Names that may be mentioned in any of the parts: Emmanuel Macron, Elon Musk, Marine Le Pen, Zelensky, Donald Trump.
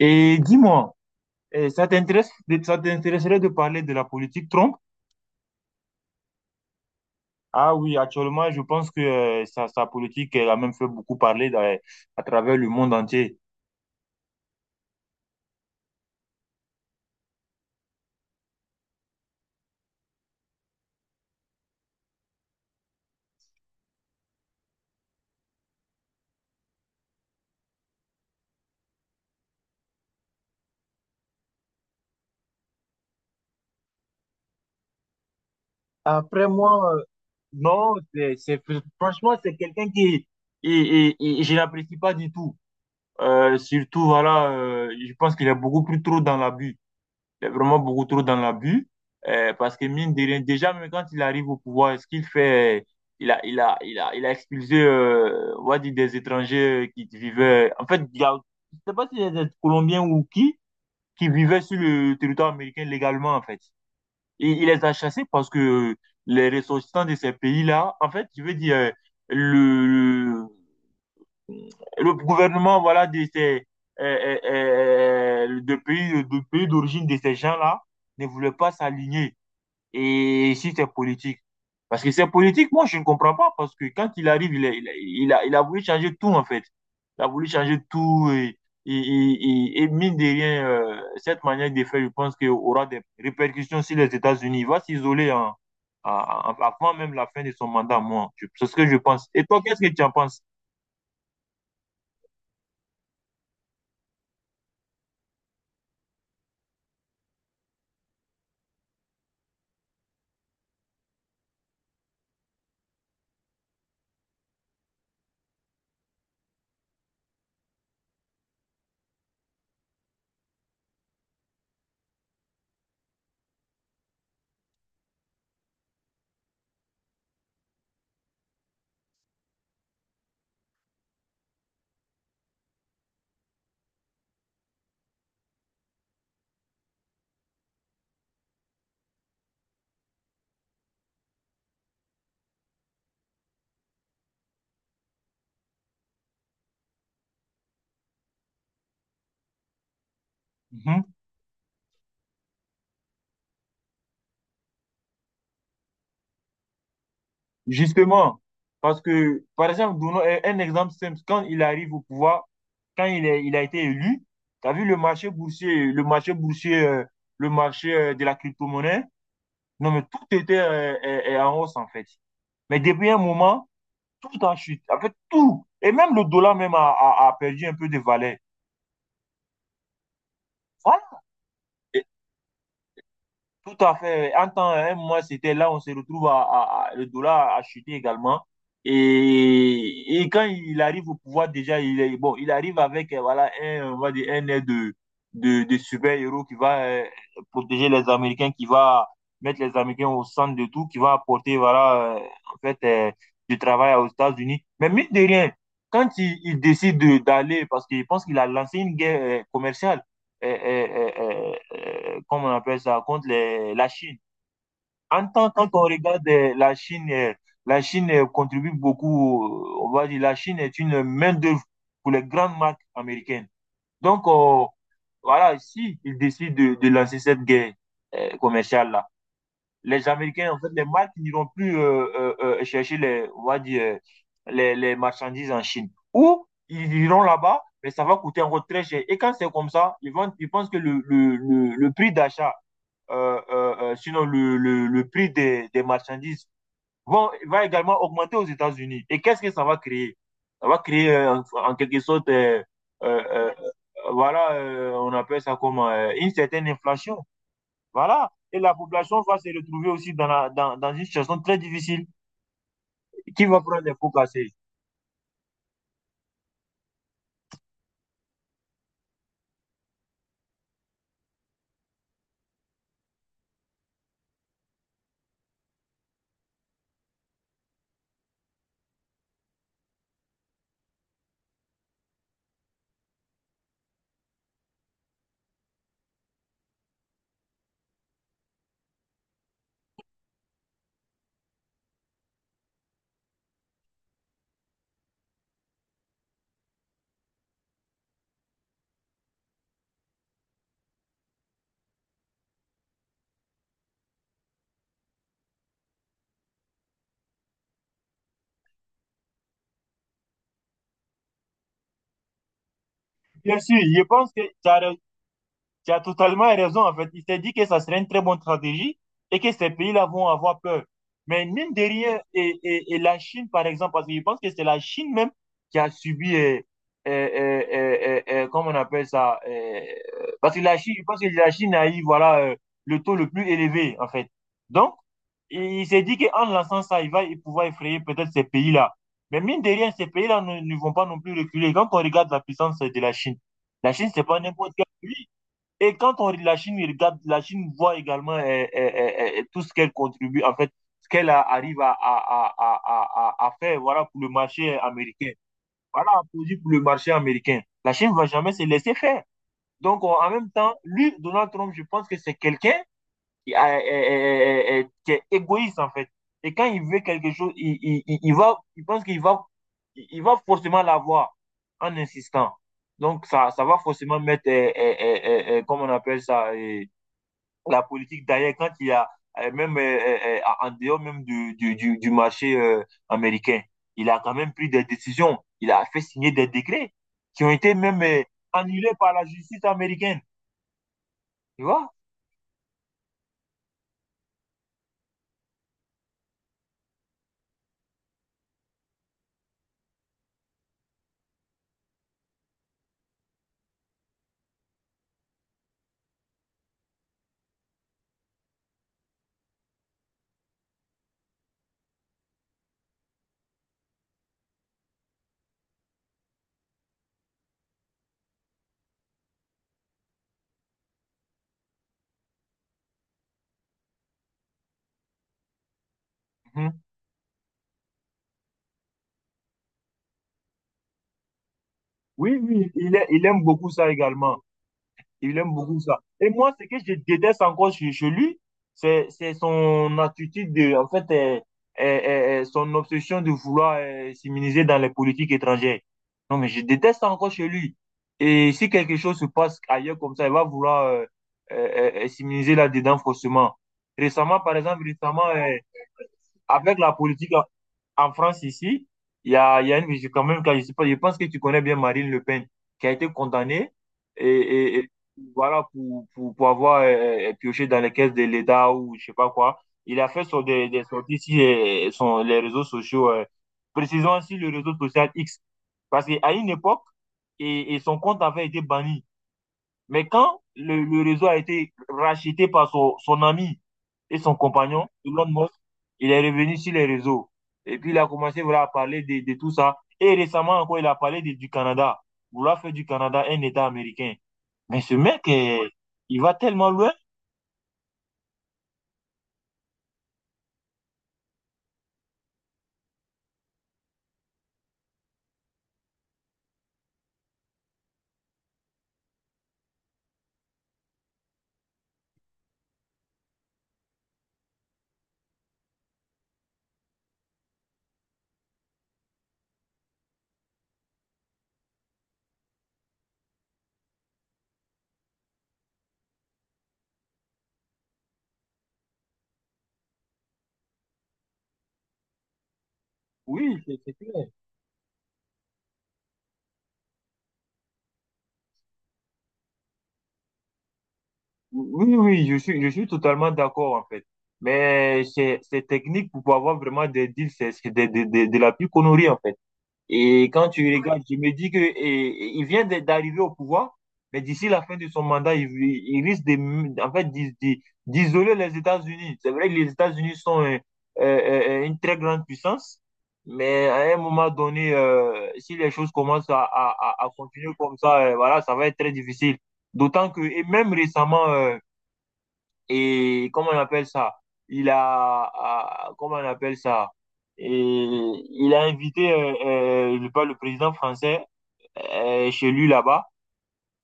Et dis-moi, ça t'intéresse, ça t'intéresserait de parler de la politique Trump? Ah oui, actuellement, je pense que sa politique elle a même fait beaucoup parler à travers le monde entier. Après moi, non, franchement, c'est quelqu'un qui, je n'apprécie pas du tout. Voilà, je pense qu'il est beaucoup plus trop dans l'abus. Vraiment beaucoup trop dans l'abus. Parce que mine de rien, déjà, même quand il arrive au pouvoir, ce qu'il fait, il a expulsé, on va dire, des étrangers qui vivaient. En fait, je sais pas si c'est des Colombiens ou qui vivaient sur le territoire américain légalement, en fait. Et il les a chassés parce que les ressortissants de ces pays-là, en fait, je veux dire, le, le gouvernement, voilà, de pays d'origine de ces gens-là ne voulait pas s'aligner. Et si c'est politique. Parce que c'est politique, moi, je ne comprends pas. Parce que quand il arrive, il a voulu changer tout, en fait. Il a voulu changer tout. Et mine de rien, cette manière de faire, je pense qu'il aura des répercussions sur les États-Unis. Il va s'isoler avant même la fin de son mandat, moi. C'est ce que je pense. Et toi, qu'est-ce que tu en penses? Mm-hmm. Justement, parce que, par exemple, donnons un exemple simple. Quand il arrive au pouvoir, il a été élu, tu as vu le marché boursier, le marché de la crypto-monnaie? Non, mais tout était en hausse, en fait. Mais depuis un moment, tout en chute. En fait, tout. Et même le dollar même a perdu un peu de valeur. Voilà. Tout à fait. En temps, un mois, c'était là, on se retrouve le dollar a chuté également. Et quand il arrive au pouvoir, déjà, il est, bon, il arrive avec voilà, un, on va dire, un air de super-héros qui va protéger les Américains, qui va mettre les Américains au centre de tout, qui va apporter voilà, du travail aux États-Unis. Mais mine de rien, quand il décide d'aller, parce qu'il pense qu'il a lancé une guerre commerciale, euh, euh, euh, comment on appelle ça, contre la Chine. En tant quand on regarde la Chine, contribue beaucoup, on va dire, la Chine est une main-d'œuvre pour les grandes marques américaines. Donc, voilà, si ils décident de lancer cette guerre commerciale-là, les Américains, en fait, les marques n'iront plus chercher les, on va dire, les marchandises en Chine. Ou ils iront là-bas, mais ça va coûter encore très cher. Et quand c'est comme ça, ils pensent que le prix d'achat, sinon le prix des marchandises, va également augmenter aux États-Unis. Et qu'est-ce que ça va créer? Ça va créer en quelque sorte, euh, euh, voilà, on appelle ça comment, une certaine inflation. Voilà. Et la population va se retrouver aussi dans une situation très difficile. Qui va prendre les pots cassés? Bien sûr, je pense que tu as totalement raison. En fait, il s'est dit que ça serait une très bonne stratégie et que ces pays-là vont avoir peur. Mais mine de rien, et la Chine, par exemple, parce que je pense que c'est la Chine même qui a subi, comment on appelle ça, parce que la Chine, je pense que la Chine a eu, voilà, le taux le plus élevé, en fait. Donc, il s'est dit qu'en lançant ça, il va pouvoir effrayer peut-être ces pays-là. Mais mine de rien, ces pays-là ne vont pas non plus reculer. Quand on regarde la puissance de la Chine, c'est pas n'importe quel pays. Et quand on la Chine regarde, la Chine voit également tout ce qu'elle contribue, en fait, ce qu'elle arrive à faire voilà, pour le marché américain. Voilà un produit pour le marché américain. La Chine ne va jamais se laisser faire. Donc, en même temps, lui, Donald Trump, je pense que c'est quelqu'un qui, qui est égoïste en fait. Et quand il veut quelque chose, il va, il va forcément l'avoir en insistant. Donc ça va forcément mettre, on appelle ça, la politique derrière quand il y a même en dehors même du marché américain. Il a quand même pris des décisions. Il a fait signer des décrets qui ont été même annulés par la justice américaine. Tu vois? Mhm. Oui, oui, il aime beaucoup ça également. Il aime beaucoup ça. Et moi, ce que je déteste encore chez lui, c'est son attitude de, en fait, son obsession de vouloir s'immuniser dans les politiques étrangères. Non, mais je déteste ça encore chez lui. Et si quelque chose se passe ailleurs comme ça, il va vouloir s'immuniser là-dedans forcément. Récemment, par exemple, récemment, avec la politique en France ici, il y a une quand même, quand je sais pas, je pense que tu connais bien Marine Le Pen, qui a été condamnée et voilà pour avoir pioché dans les caisses de l'État ou je sais pas quoi. Il a fait sur des sorties sur les réseaux sociaux, précisons sur le réseau social X, parce qu'à une époque, et son compte avait été banni. Mais quand le réseau a été racheté par son ami et son compagnon, Elon Musk, il est revenu sur les réseaux. Et puis, il a commencé voilà, à parler de tout ça. Et récemment encore, il a parlé du Canada, vouloir faire du Canada un État américain. Mais ce mec, il va tellement loin. Oui, c'est clair. Oui, oui, je suis totalement d'accord en fait. Mais c'est technique pour pouvoir avoir vraiment des deals, c'est de la plus connerie en fait. Et quand tu regardes, je me dis que il vient d'arriver au pouvoir, mais d'ici la fin de son mandat, il risque de, en fait, d'isoler les États-Unis. C'est vrai que les États-Unis sont euh, une très grande puissance, mais à un moment donné, si les choses commencent à continuer comme ça, voilà, ça va être très difficile. D'autant que, et même récemment, et comment on appelle ça? Comment on appelle ça? Et il a invité, je parle, le président français chez lui là-bas.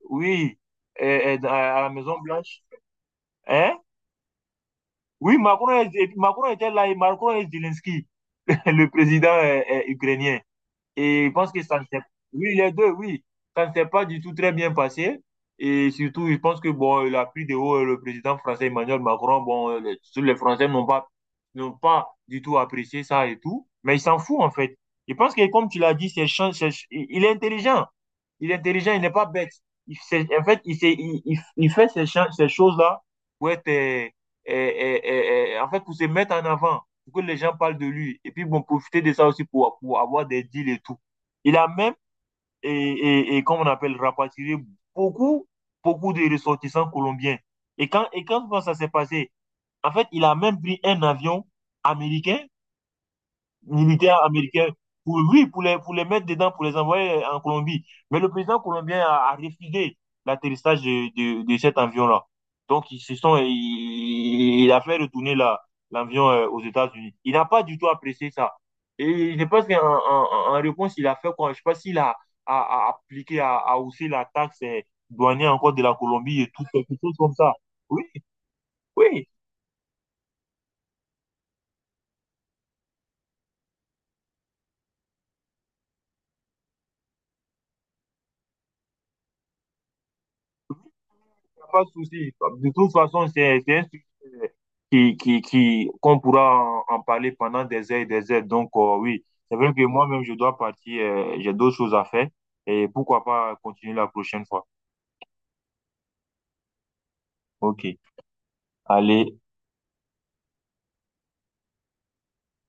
Oui, à la Maison Blanche. Hein? Oui, Macron, Macron était là et Macron et Zelensky, le président ukrainien. Et je pense que ça ne s'est... Oui, les deux, oui. Ça ne s'est pas du tout très bien passé. Et surtout, je pense que bon, il a pris de haut le président français Emmanuel Macron. Bon, les Français n'ont pas du tout apprécié ça et tout. Mais il s'en fout, en fait. Je pense que, comme tu l'as dit, il est intelligent. Il est intelligent, il n'est pas bête. En fait, il, sait- il fait ces choses-là pour être, en fait, pour se mettre en avant, pour que les gens parlent de lui. Et puis, bon, profiter de ça aussi pour avoir des deals et tout. Il a même, et comme on appelle, rapatrié beaucoup, beaucoup de ressortissants colombiens. Et quand ça s'est passé, en fait, il a même pris un avion américain militaires américains pour, oui, pour les mettre dedans, pour les envoyer en Colombie. Mais le président colombien a refusé l'atterrissage de cet avion-là. Donc, ils se sont, il a fait retourner la, l'avion aux États-Unis. Il n'a pas du tout apprécié ça. Et je pense qu'en en, en réponse, il a fait quoi? Je ne sais pas s'il a, a appliqué, a haussé la taxe douanière encore de la Colombie et tout, quelque chose comme ça. Oui, oui. Pas de souci. De toute façon, c'est un sujet euh, qui, qu'on pourra en parler pendant des heures et des heures. Donc, oui, c'est vrai que moi-même, je dois partir. J'ai d'autres choses à faire. Et pourquoi pas continuer la prochaine fois. OK. Allez,